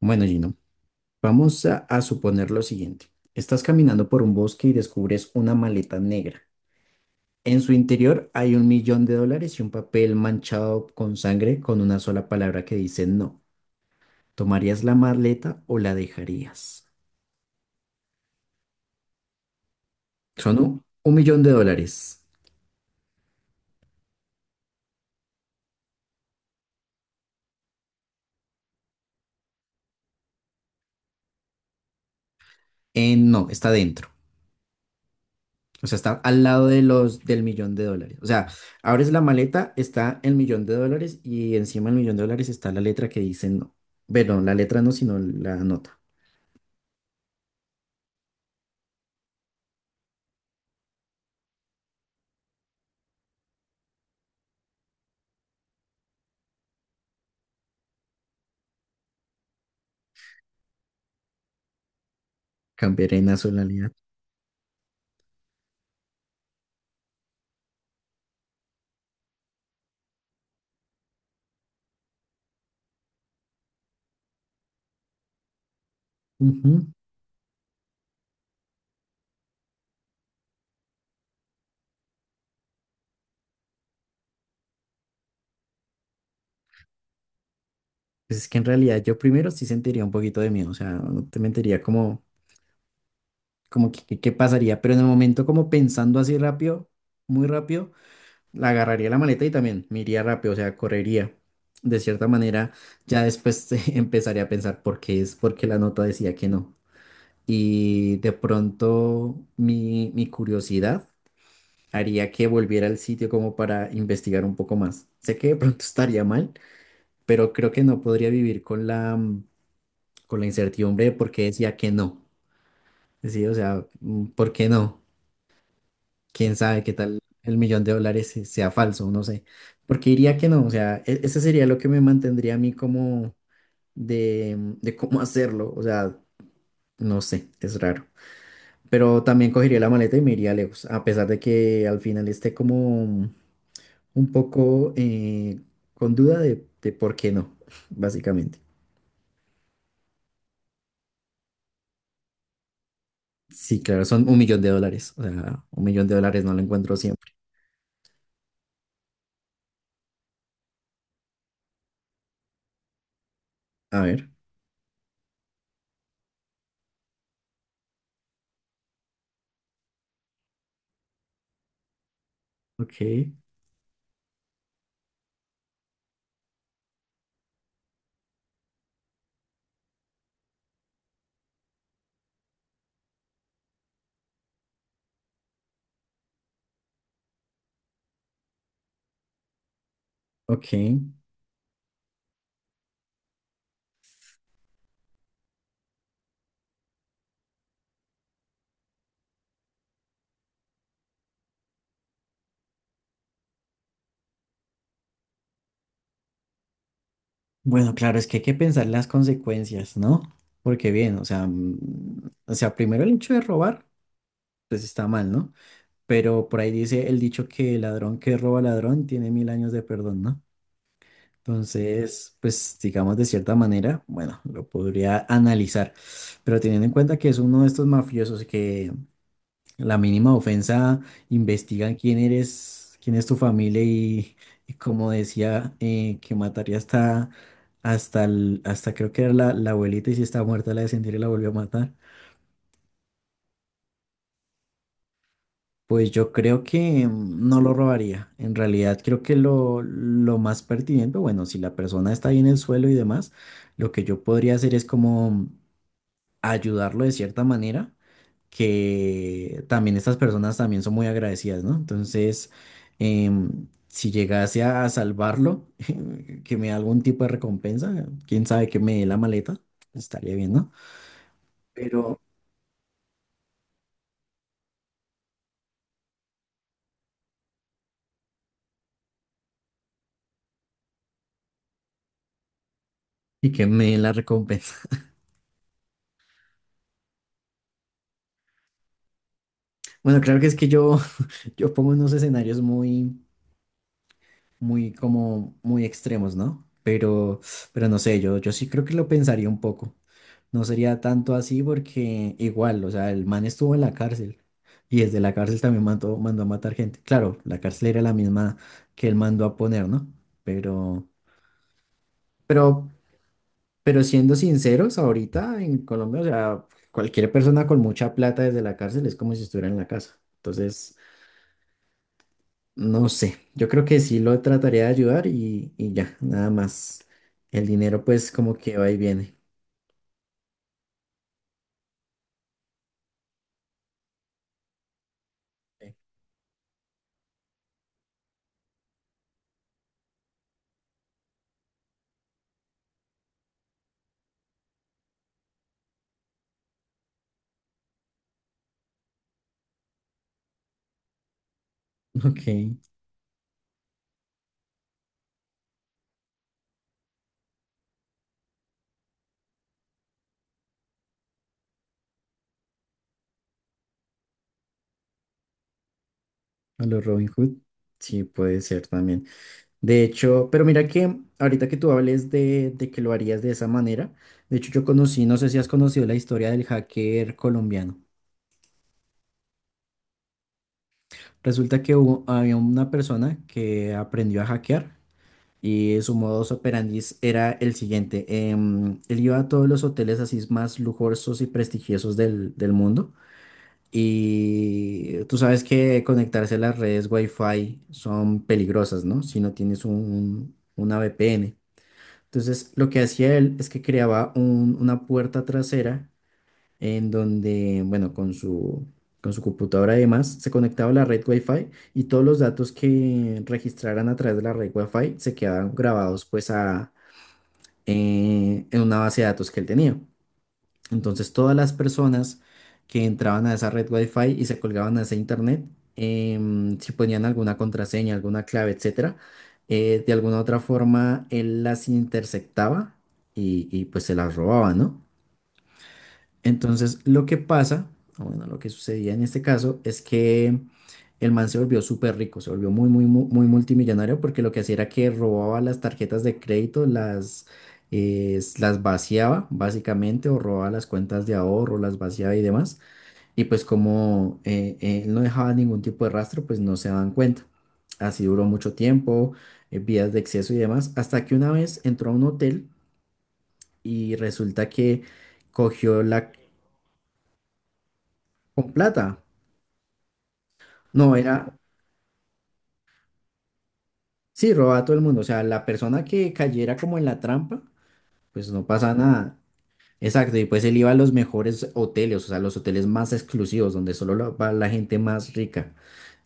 Bueno, Gino, vamos a suponer lo siguiente. Estás caminando por un bosque y descubres una maleta negra. En su interior hay un millón de dólares y un papel manchado con sangre con una sola palabra que dice no. ¿Tomarías la maleta o la dejarías? Son un millón de dólares. No, está dentro. O sea, está al lado de los del millón de dólares. O sea, abres la maleta, está el millón de dólares y encima del millón de dólares está la letra que dice no. Bueno, la letra no, sino la nota. Cambiaré en nacionalidad. Ujú. Pues es que en realidad yo primero sí sentiría un poquito de miedo, o sea, no te mentiría como, como qué pasaría, pero en el momento como pensando así rápido, muy rápido, la agarraría la maleta y también me iría rápido, o sea, correría. De cierta manera, ya después empezaría a pensar por qué es, porque la nota decía que no. Y de pronto mi curiosidad haría que volviera al sitio como para investigar un poco más. Sé que de pronto estaría mal, pero creo que no podría vivir con la, con la incertidumbre de por qué decía que no. Sí, o sea, ¿por qué no? ¿Quién sabe qué tal el millón de dólares sea falso? No sé. Porque diría que no, o sea, ese sería lo que me mantendría a mí como de cómo hacerlo, o sea, no sé, es raro. Pero también cogería la maleta y me iría lejos, a pesar de que al final esté como un poco con duda de por qué no, básicamente. Sí, claro, son un millón de dólares. O sea, un millón de dólares no lo encuentro siempre. A ver, ok, ok. Bueno, claro, es que hay que pensar las consecuencias, ¿no? Porque bien, o sea, o sea, primero el hecho de robar, pues está mal, ¿no? Pero por ahí dice el dicho que el ladrón que roba ladrón tiene mil años de perdón, ¿no? Entonces, pues digamos de cierta manera, bueno, lo podría analizar, pero teniendo en cuenta que es uno de estos mafiosos que la mínima ofensa investigan quién eres, quién es tu familia y como decía, que mataría hasta, hasta, hasta creo que era la abuelita y si estaba muerta la descendiera y la volvió a matar. Pues yo creo que no lo robaría. En realidad creo que lo más pertinente, bueno, si la persona está ahí en el suelo y demás, lo que yo podría hacer es como ayudarlo de cierta manera que también estas personas también son muy agradecidas, ¿no? Entonces, si llegase a salvarlo, que me dé algún tipo de recompensa, quién sabe que me dé la maleta, estaría bien, ¿no? Pero, y que me dé la recompensa. Bueno, claro que es que yo, yo pongo unos escenarios muy... muy como muy extremos, ¿no? Pero no sé, yo sí creo que lo pensaría un poco. No sería tanto así porque igual, o sea, el man estuvo en la cárcel y desde la cárcel también mandó a matar gente. Claro, la cárcel era la misma que él mandó a poner, ¿no? Pero, pero, pero siendo sinceros, ahorita en Colombia, o sea, cualquier persona con mucha plata desde la cárcel es como si estuviera en la casa. Entonces, no sé, yo creo que sí lo trataría de ayudar y ya, nada más. El dinero pues como que va y viene. Eh, ok, a los Robin Hood. Sí, puede ser también. De hecho, pero mira que ahorita que tú hables de que lo harías de esa manera, de hecho yo conocí, no sé si has conocido la historia del hacker colombiano. Resulta que hubo, había una persona que aprendió a hackear. Y su modus operandi era el siguiente. Él iba a todos los hoteles así más lujosos y prestigiosos del mundo. Y tú sabes que conectarse a las redes Wi-Fi son peligrosas, ¿no? Si no tienes una VPN. Entonces, lo que hacía él es que creaba una puerta trasera en donde, bueno, con con su computadora y demás, se conectaba a la red Wi-Fi y todos los datos que registraran a través de la red Wi-Fi se quedaban grabados pues en una base de datos que él tenía. Entonces todas las personas que entraban a esa red Wi-Fi y se colgaban a ese internet, si ponían alguna contraseña, alguna clave, etcétera, de alguna u otra forma él las interceptaba y pues se las robaba, ¿no? Entonces, lo que pasa, o bueno, lo que sucedía en este caso es que el man se volvió súper rico, se volvió muy multimillonario porque lo que hacía era que robaba las tarjetas de crédito, las vaciaba básicamente, o robaba las cuentas de ahorro, las vaciaba y demás. Y pues como él no dejaba ningún tipo de rastro, pues no se daban cuenta. Así duró mucho tiempo, vías de exceso y demás, hasta que una vez entró a un hotel y resulta que cogió la con plata. No, era, sí, robaba a todo el mundo. O sea, la persona que cayera como en la trampa, pues no pasa nada. Exacto, y pues él iba a los mejores hoteles, o sea, los hoteles más exclusivos, donde solo va la gente más rica.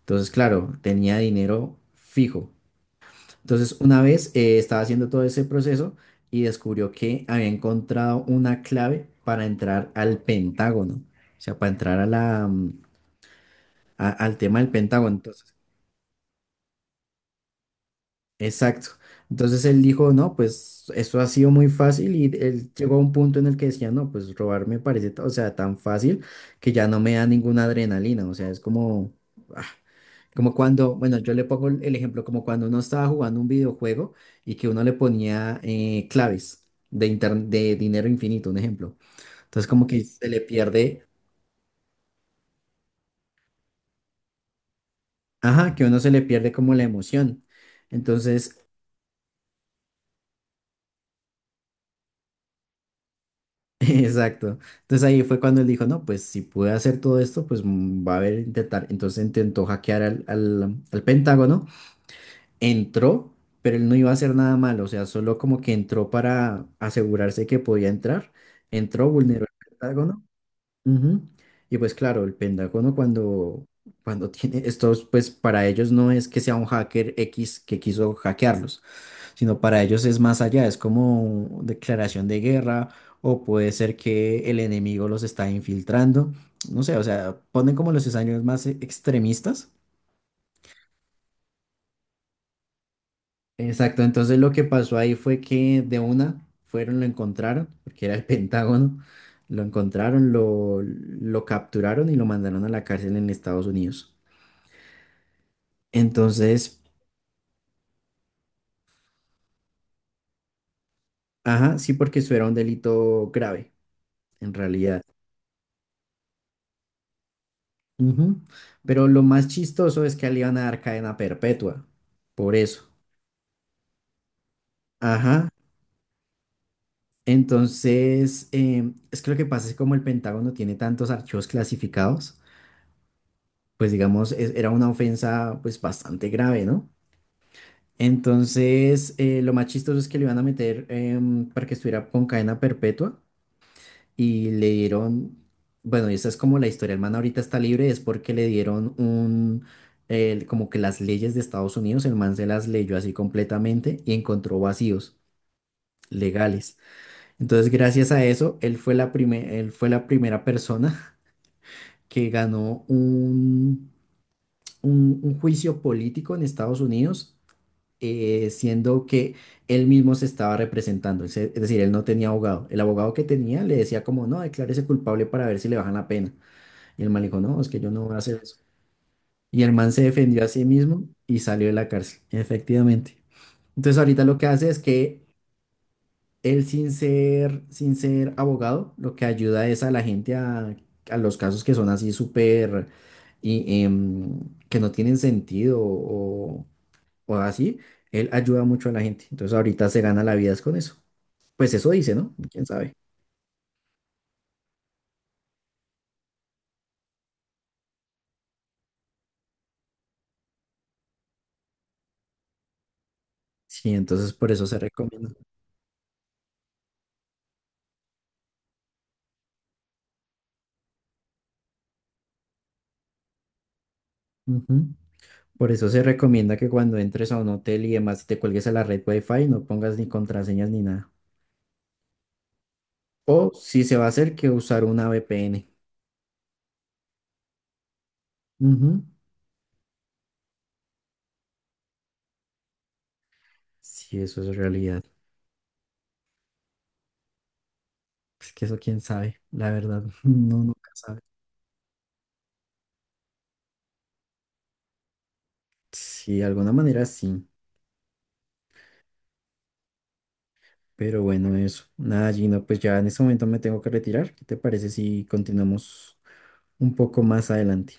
Entonces, claro, tenía dinero fijo. Entonces, una vez estaba haciendo todo ese proceso y descubrió que había encontrado una clave para entrar al Pentágono, o sea, para entrar a al tema del Pentágono. Exacto. Entonces él dijo, no, pues eso ha sido muy fácil y él llegó a un punto en el que decía, no, pues robar me parece, o sea, tan fácil que ya no me da ninguna adrenalina, o sea, es como, ah, como cuando, bueno, yo le pongo el ejemplo, como cuando uno estaba jugando un videojuego y que uno le ponía claves de, de dinero infinito, un ejemplo. Entonces como que se le pierde, ajá, que uno se le pierde como la emoción. Entonces exacto. Entonces ahí fue cuando él dijo, no, pues si puede hacer todo esto, pues va a haber intentar. Entonces intentó hackear al Pentágono, entró, pero él no iba a hacer nada malo, o sea, solo como que entró para asegurarse que podía entrar, entró, vulneró el Pentágono. Ujú. Y pues claro, el Pentágono cuando, cuando tiene estos, pues para ellos no es que sea un hacker X que quiso hackearlos sino para ellos es más allá, es como declaración de guerra o puede ser que el enemigo los está infiltrando, no sé, o sea, ponen como los escenarios más extremistas. Exacto, entonces lo que pasó ahí fue que de una fueron, lo encontraron, porque era el Pentágono, lo encontraron, lo capturaron y lo mandaron a la cárcel en Estados Unidos. Entonces, ajá, sí, porque eso era un delito grave, en realidad. Ujú. Pero lo más chistoso es que a él le iban a dar cadena perpetua, por eso. Ajá. Entonces, es que lo que pasa es que como el Pentágono tiene tantos archivos clasificados, pues digamos, era una ofensa pues bastante grave, ¿no? Entonces, lo más chistoso es que le iban a meter para que estuviera con cadena perpetua, y le dieron, bueno, y esa es como la historia, el man ahorita está libre, es porque le dieron un, como que las leyes de Estados Unidos, el man se las leyó así completamente y encontró vacíos legales. Entonces, gracias a eso, él fue la él fue la primera persona que ganó un, un juicio político en Estados Unidos, siendo que él mismo se estaba representando, es decir, él no tenía abogado. El abogado que tenía le decía como, no, declárese culpable para ver si le bajan la pena. Y el man le dijo, no, es que yo no voy a hacer eso. Y el man se defendió a sí mismo y salió de la cárcel, efectivamente. Entonces ahorita lo que hace es que él sin ser, sin ser abogado, lo que ayuda es a la gente a los casos que son así súper y que no tienen sentido o así. Él ayuda mucho a la gente. Entonces ahorita se gana la vida es con eso. Pues eso dice, ¿no? ¿Quién sabe? Sí, entonces por eso se recomienda. Ujú. Por eso se recomienda que cuando entres a un hotel y demás te cuelgues a la red Wi-Fi, no pongas ni contraseñas ni nada. O si se va a hacer, que usar una VPN. Ujú. Sí, eso es realidad. Es que eso quién sabe, la verdad, no nunca sabe. Sí, de alguna manera sí. Pero bueno, eso. Nada, Gino, pues ya en este momento me tengo que retirar. ¿Qué te parece si continuamos un poco más adelante?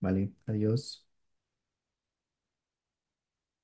Vale, adiós.